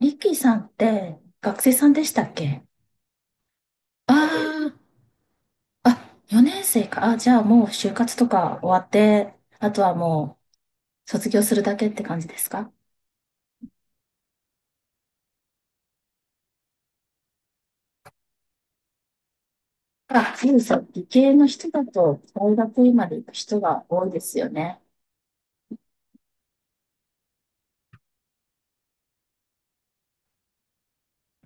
リキさんって学生さんでしたっけ？ああー、あ、4年生か。あ、じゃあもう就活とか終わって、あとはもう卒業するだけって感じですか？あ、そうですよ。理系の人だと大学院まで行く人が多いですよね。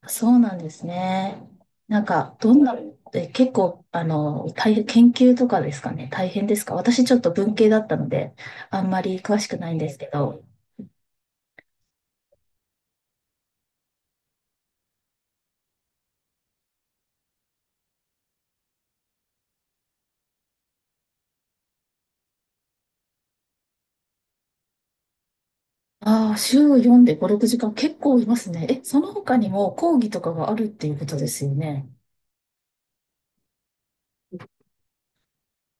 そうなんですね。なんか、どんな、結構、大変、研究とかですかね。大変ですか？私ちょっと文系だったので、あんまり詳しくないんですけど。ああ、週4で5、6時間結構いますね。え、その他にも講義とかがあるっていうことですよね。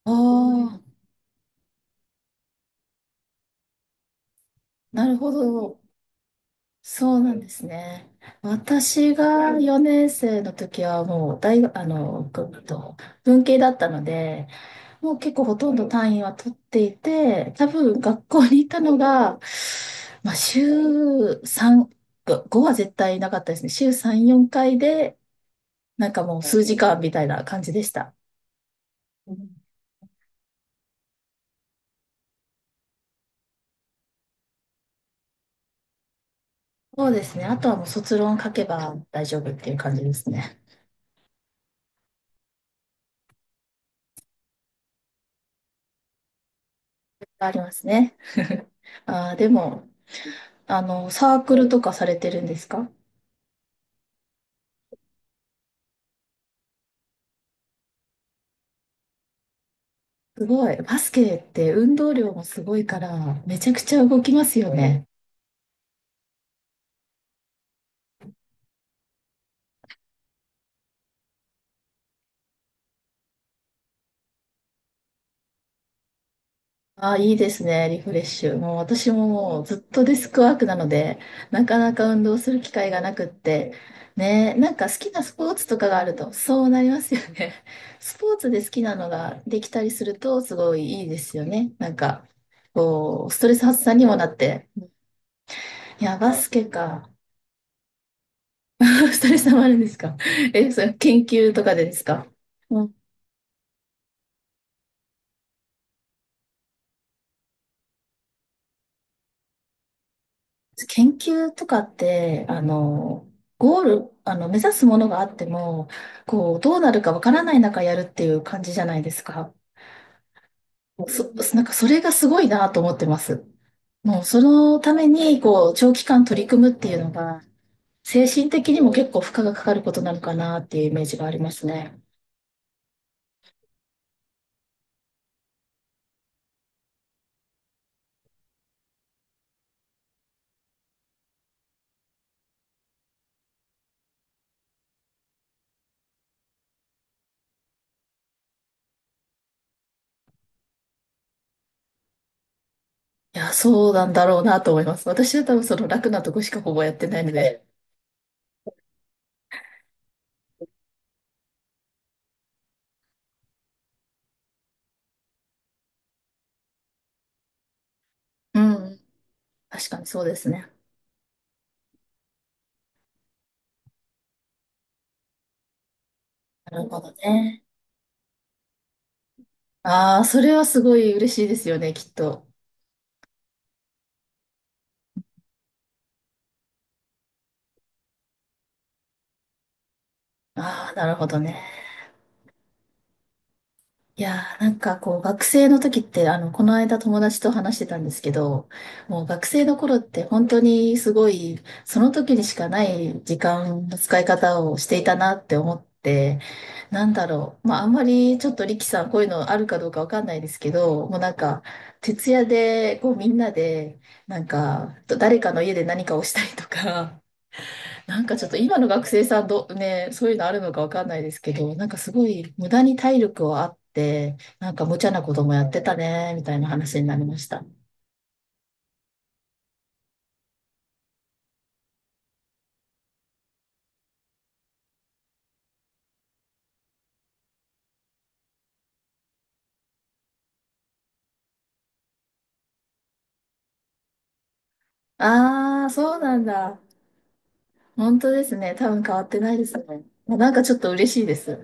ああ、なるほど。そうなんですね。私が4年生の時はもう大学、ぐっと文系だったので、もう結構ほとんど単位は取っていて、多分学校にいたのが、まあ、週3、5は絶対なかったですね。週3、4回で、なんかもう数時間みたいな感じでした。そうですね。あとはもう卒論書けば大丈夫っていう感じですね。ありますね。あー、でも、サークルとかされてるんですか？すごい。バスケって運動量もすごいから、めちゃくちゃ動きますよね。あ、いいですね、リフレッシュ。もう私ももうずっとデスクワークなので、なかなか運動する機会がなくって、ね、なんか好きなスポーツとかがあると、そうなりますよね。スポーツで好きなのができたりすると、すごいいいですよね。なんか、こう、ストレス発散にもなって。いや、バスケか。ストレス溜まるんですか？ え、それ研究とかでですか？研究とかって、ゴール、目指すものがあっても、こう、どうなるかわからない中やるっていう感じじゃないですか。なんかそれがすごいなと思ってます。もうそのために、こう、長期間取り組むっていうのが、精神的にも結構負荷がかかることなのかなっていうイメージがありますね。いや、そうなんだろうなと思います。私は多分その楽なとこしかほぼやってないので。うん、確かにそうですね。なるほどね。ああ、それはすごい嬉しいですよね、きっと。ああ、なるほどね。いやー、なんかこう、学生の時って、この間友達と話してたんですけど、もう学生の頃って本当にすごい、その時にしかない時間の使い方をしていたなって思って、なんだろう。まあ、あんまりちょっとリキさん、こういうのあるかどうかわかんないですけど、もうなんか、徹夜で、こう、みんなで、なんか、誰かの家で何かをしたりとか、なんかちょっと今の学生さんね、そういうのあるのかわかんないですけど、なんかすごい無駄に体力をあって、なんか無茶なこともやってたね、みたいな話になりました。ああ、そうなんだ。本当ですね。多分変わってないですね。なんかちょっと嬉しいです。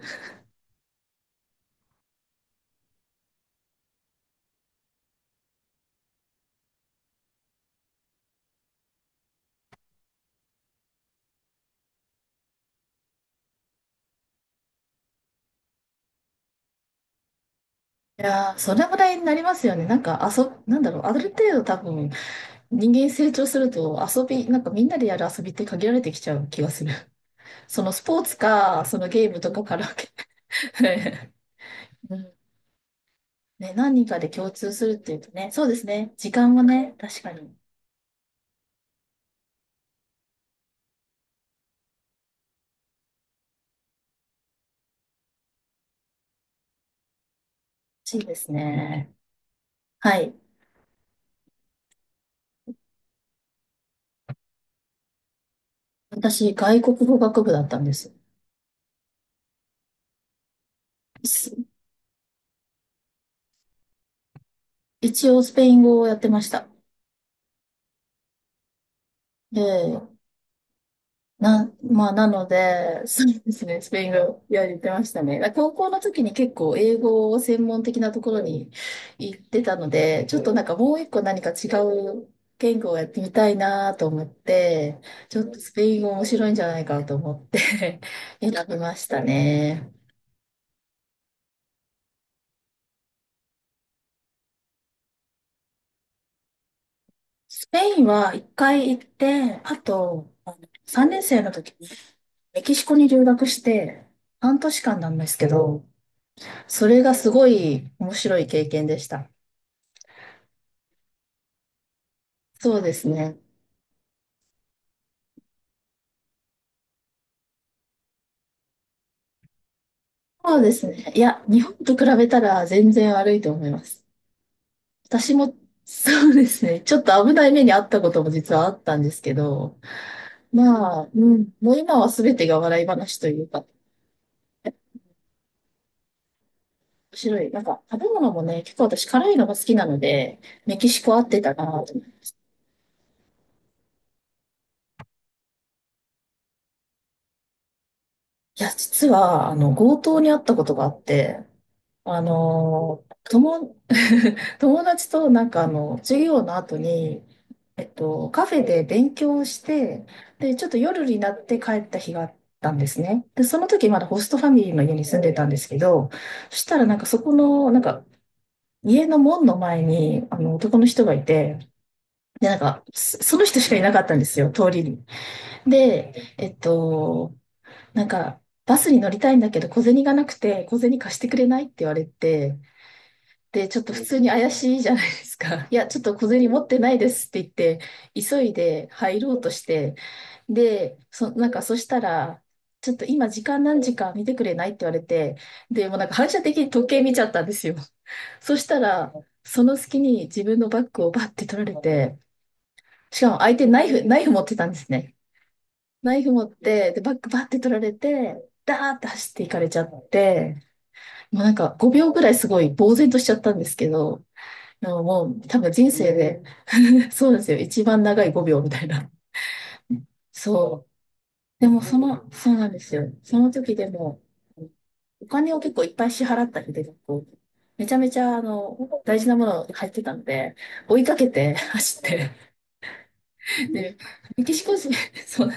いやー、それぐらいになりますよね。なんか、なんだろう、ある程度多分、人間成長するとなんかみんなでやる遊びって限られてきちゃう気がする。そのスポーツか、そのゲームとかカラオケ。ね、何人かで共通するっていうとね、そうですね。時間もね、確かに欲しいですね。はい。私、外国語学部だったんです。す一応、スペイン語をやってました。で、まあ、なので、そうですね、スペイン語やりてましたね。高校の時に結構英語を専門的なところに行ってたので、ちょっとなんかもう一個何か違う言語をやってみたいなと思って、ちょっとスペイン語面白いんじゃないかと思って 選びましたね。スペインは一回行って、あと3年生の時にメキシコに留学して、半年間なんですけど、それがすごい面白い経験でした。そうですね。そうですね。いや、日本と比べたら全然悪いと思います。私も、そうですね。ちょっと危ない目に遭ったことも実はあったんですけど、まあ、うん、もう今は全てが笑い話というか、面白い。なんか、食べ物もね、結構私辛いのが好きなので、メキシコ合ってたなと。いや、実は、強盗に遭ったことがあって、あの、友、友達となんか授業の後に、カフェで勉強をして、で、ちょっと夜になって帰った日があったんですね。で、その時まだホストファミリーの家に住んでたんですけど、そしたらなんかそこの、なんか家の門の前に、男の人がいて、で、なんか、その人しかいなかったんですよ、通りに。で、なんか、バスに乗りたいんだけど小銭がなくて、小銭貸してくれないって言われて、で、ちょっと普通に怪しいじゃないですか。いや、ちょっと小銭持ってないですって言って、急いで入ろうとして、で、なんかそしたら、ちょっと今時間何時か見てくれないって言われて、で、もうなんか反射的に時計見ちゃったんですよ。そしたら、その隙に自分のバッグをバッて取られて、しかも相手ナイフ持ってたんですね。ナイフ持って、で、バッグバッて取られて、ダーって走っていかれちゃって、もうなんか5秒ぐらいすごい呆然としちゃったんですけど、もう多分人生で、そうですよ。一番長い5秒みたいな。そう。でもそうなんですよ。その時でも、お金を結構いっぱい支払ったりで、こうめちゃめちゃ、大事なもの入ってたんで、追いかけて 走って、で、メキシコ人、そう、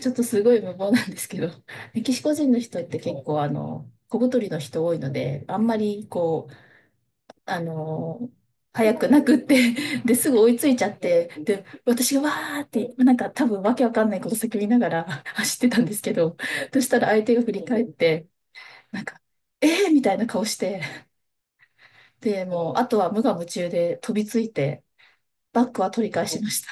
ちょっとすごい無謀なんですけど、メキシコ人の人って結構、小太りの人多いので、あんまり、こう、あの、早くなくって で、すぐ追いついちゃって、で、私がわーって、なんか多分わけわかんないこと叫びながら 走ってたんですけど、そしたら相手が振り返って、なんか、えーみたいな顔して、で、もう、あとは無我夢中で飛びついて、バックは取り返しました。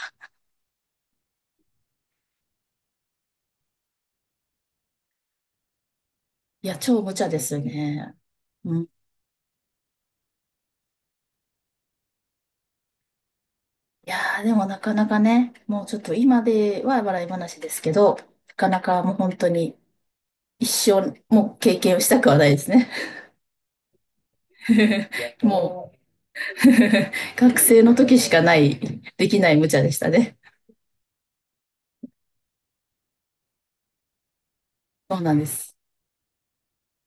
いや、超無茶ですね。うん。いやー、でもなかなかね、もうちょっと今では笑い話ですけど、なかなかもう本当に一生、もう経験をしたくはないですね。もう 学生の時しかない、できない無茶でしたね。そうなんです。